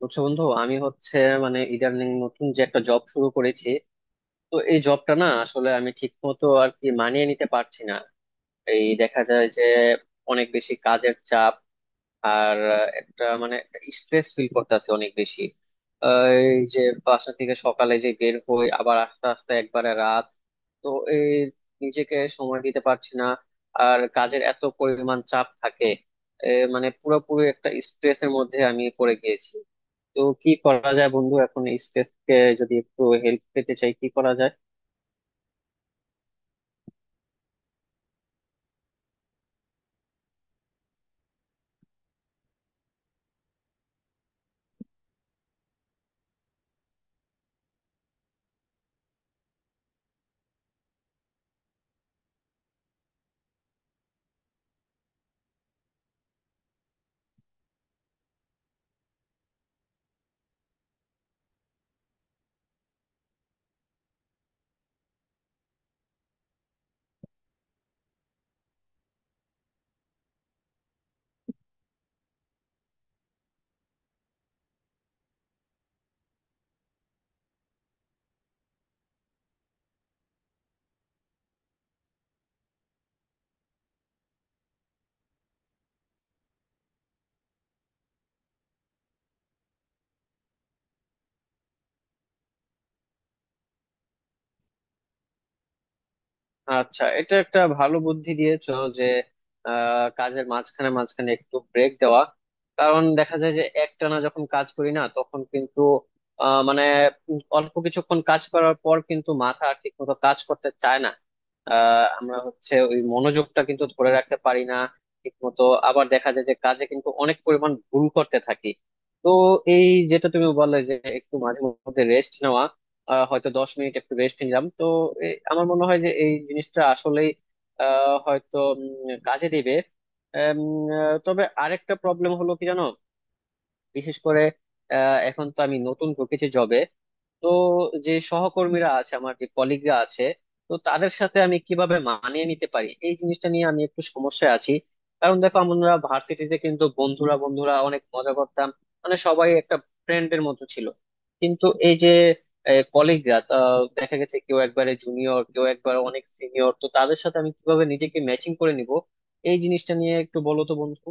বুঝছো বন্ধু, আমি হচ্ছে মানে ইদানিং নতুন যে একটা জব শুরু করেছি। তো এই জবটা না আসলে আমি ঠিক মতো আর কি মানিয়ে নিতে পারছি না। এই দেখা যায় যে অনেক বেশি কাজের চাপ, আর একটা মানে স্ট্রেস ফিল করতেছে অনেক বেশি। আহ, এই যে বাসা থেকে সকালে যে বের হই আবার আস্তে আস্তে একবারে রাত। তো এই নিজেকে সময় দিতে পারছি না, আর কাজের এত পরিমাণ চাপ থাকে। এ, মানে পুরোপুরি একটা স্ট্রেসের মধ্যে আমি পড়ে গিয়েছি। তো কি করা যায় বন্ধু এখন এই স্পেস কে, যদি একটু হেল্প পেতে চাই কি করা যায়? আচ্ছা, এটা একটা ভালো বুদ্ধি দিয়েছো যে কাজের মাঝখানে মাঝখানে একটু ব্রেক দেওয়া। কারণ দেখা যায় যে একটানা যখন কাজ করি না তখন কিন্তু আহ, মানে অল্প কিছুক্ষণ কাজ করার পর কিন্তু মাথা আর ঠিক মতো কাজ করতে চায় না। আমরা হচ্ছে ওই মনোযোগটা কিন্তু ধরে রাখতে পারি না ঠিক মতো। আবার দেখা যায় যে কাজে কিন্তু অনেক পরিমাণ ভুল করতে থাকি। তো এই যেটা তুমি বললে যে একটু মাঝে মধ্যে রেস্ট নেওয়া, হয়তো 10 মিনিট একটু রেস্ট নিলাম। তো আমার মনে হয় যে এই জিনিসটা আসলেই হয়তো কাজে দিবে। এম, তবে আরেকটা প্রবলেম হলো কি জানো, বিশেষ করে এখন তো আমি নতুন ঢুকেছি জবে। তো যে সহকর্মীরা আছে, আমার যে কলিগরা আছে, তো তাদের সাথে আমি কিভাবে মানিয়ে নিতে পারি এই জিনিসটা নিয়ে আমি একটু সমস্যায় আছি। কারণ দেখো আমরা ভার্সিটিতে কিন্তু বন্ধুরা বন্ধুরা অনেক মজা করতাম, মানে সবাই একটা ফ্রেন্ডের মতো ছিল। কিন্তু এই যে কলিগরা, দেখা গেছে কেউ একবারে জুনিয়র কেউ একবারে অনেক সিনিয়র, তো তাদের সাথে আমি কিভাবে নিজেকে ম্যাচিং করে নিব এই জিনিসটা নিয়ে একটু বলো তো বন্ধু।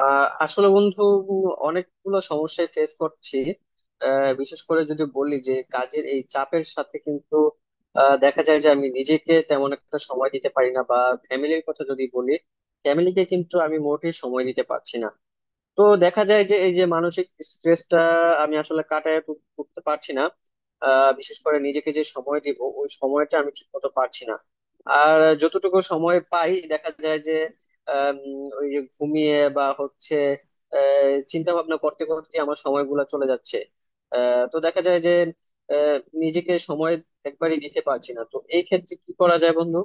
আসলে বন্ধু অনেকগুলো সমস্যায় ফেস করছি। বিশেষ করে যদি বলি যে কাজের এই চাপের সাথে কিন্তু দেখা যায় যে আমি নিজেকে তেমন একটা সময় দিতে পারি না। বা ফ্যামিলির কথা যদি বলি, ফ্যামিলিকে কিন্তু আমি মোটেই সময় দিতে পারছি না। তো দেখা যায় যে এই যে মানসিক স্ট্রেসটা আমি আসলে উঠতে পারছি না। বিশেষ করে নিজেকে যে সময় দিব ওই সময়টা আমি ঠিক মতো পারছি না। আর যতটুকু সময় পাই দেখা যায় যে আম, ওই যে ঘুমিয়ে বা হচ্ছে চিন্তা ভাবনা করতে করতে আমার সময়গুলো চলে যাচ্ছে। তো দেখা যায় যে আহ, নিজেকে সময় একবারই দিতে পারছি না। তো এই ক্ষেত্রে কি করা যায় বন্ধু?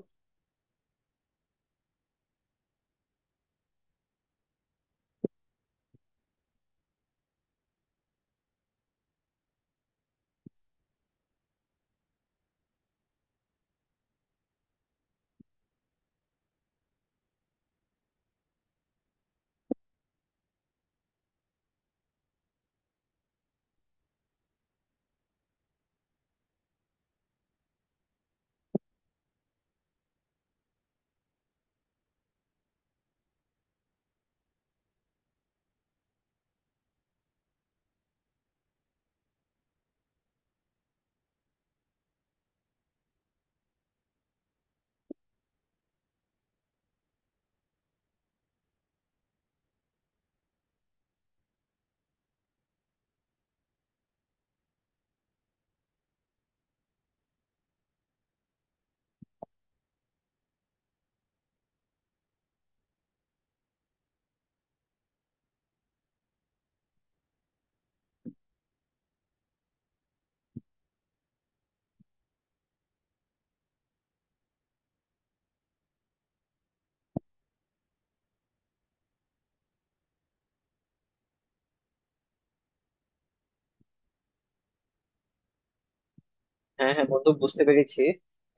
হ্যাঁ হ্যাঁ বন্ধু, বুঝতে পেরেছি।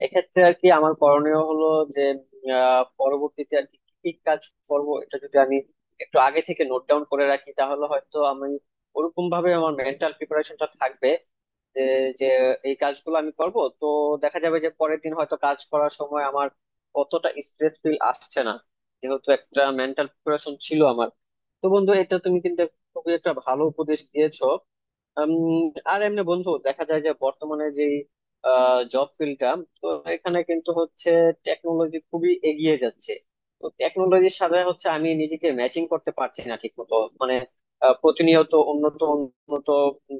এক্ষেত্রে আর কি আমার করণীয় হলো যে পরবর্তীতে আর কি কি কি কাজ করব, এটা যদি আমি একটু আগে থেকে নোট ডাউন করে রাখি তাহলে হয়তো আমি ওরকম ভাবে আমার মেন্টাল প্রিপারেশনটা থাকবে যে যে এই কাজগুলো আমি করব। তো দেখা যাবে যে পরের দিন হয়তো কাজ করার সময় আমার অতটা স্ট্রেস ফিল আসছে না, যেহেতু একটা মেন্টাল প্রিপারেশন ছিল আমার। তো বন্ধু এটা তুমি কিন্তু খুবই একটা ভালো উপদেশ দিয়েছো। উম, আর এমনি বন্ধু দেখা যায় যে বর্তমানে যে জব ফিল্ডটা, তো এখানে কিন্তু হচ্ছে টেকনোলজি খুবই এগিয়ে যাচ্ছে। তো টেকনোলজির সাথে হচ্ছে আমি নিজেকে ম্যাচিং করতে পারছি না ঠিক মতো। মানে প্রতিনিয়ত উন্নত উন্নত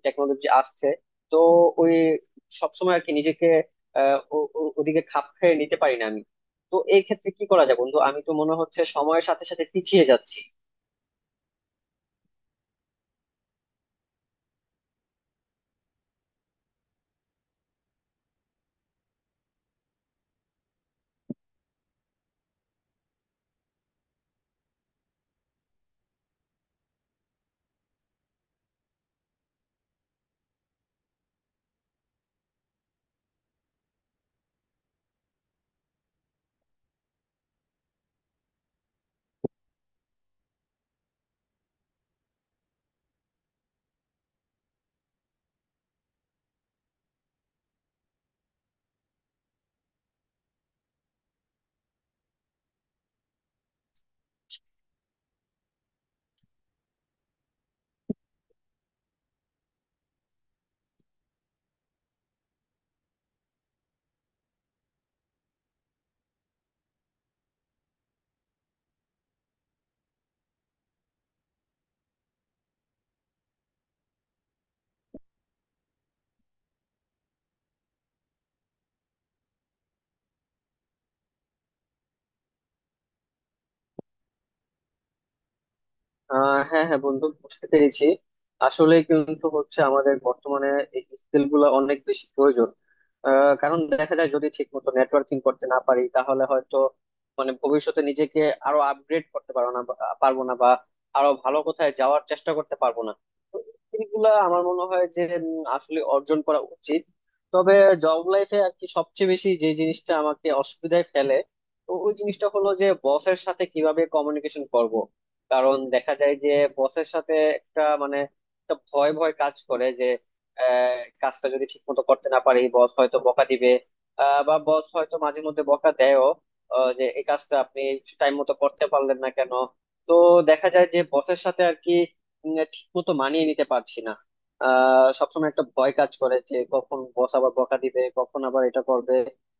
টেকনোলজি আসছে। তো ওই সবসময় আর কি নিজেকে ওদিকে খাপ খেয়ে নিতে পারি না আমি। তো এই ক্ষেত্রে কি করা যায় বন্ধু, আমি তো মনে হচ্ছে সময়ের সাথে সাথে পিছিয়ে যাচ্ছি। হ্যাঁ হ্যাঁ বন্ধু, বুঝতে পেরেছি। আসলে কিন্তু হচ্ছে আমাদের বর্তমানে এই স্কিল গুলো অনেক বেশি প্রয়োজন। কারণ দেখা যায় যদি ঠিক মতো নেটওয়ার্কিং করতে না পারি তাহলে হয়তো মানে ভবিষ্যতে নিজেকে আরো আপগ্রেড করতে পারবো না, বা আরো ভালো কোথায় যাওয়ার চেষ্টা করতে পারবো না। তো স্কিল গুলা আমার মনে হয় যে আসলে অর্জন করা উচিত। তবে জব লাইফে আর কি সবচেয়ে বেশি যে জিনিসটা আমাকে অসুবিধায় ফেলে, তো ওই জিনিসটা হলো যে বসের সাথে কিভাবে কমিউনিকেশন করব। কারণ দেখা যায় যে বসের সাথে একটা মানে একটা ভয় ভয় কাজ করে যে আহ, কাজটা যদি ঠিক মতো করতে না পারি বস হয়তো বকা দিবে। বা বস হয়তো মাঝে মধ্যে বকা দেয়ও যে এই কাজটা আপনি টাইম মতো করতে পারলেন না কেন। তো দেখা যায় যে বসের সাথে আর কি ঠিক মতো মানিয়ে নিতে পারছি না। সবসময় একটা ভয় কাজ করে যে কখন বস আবার বকা দিবে, কখন আবার এটা করবে।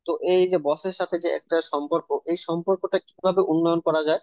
তো এই যে বসের সাথে যে একটা সম্পর্ক, এই সম্পর্কটা কিভাবে উন্নয়ন করা যায়?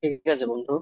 ঠিক আছে বন্ধু।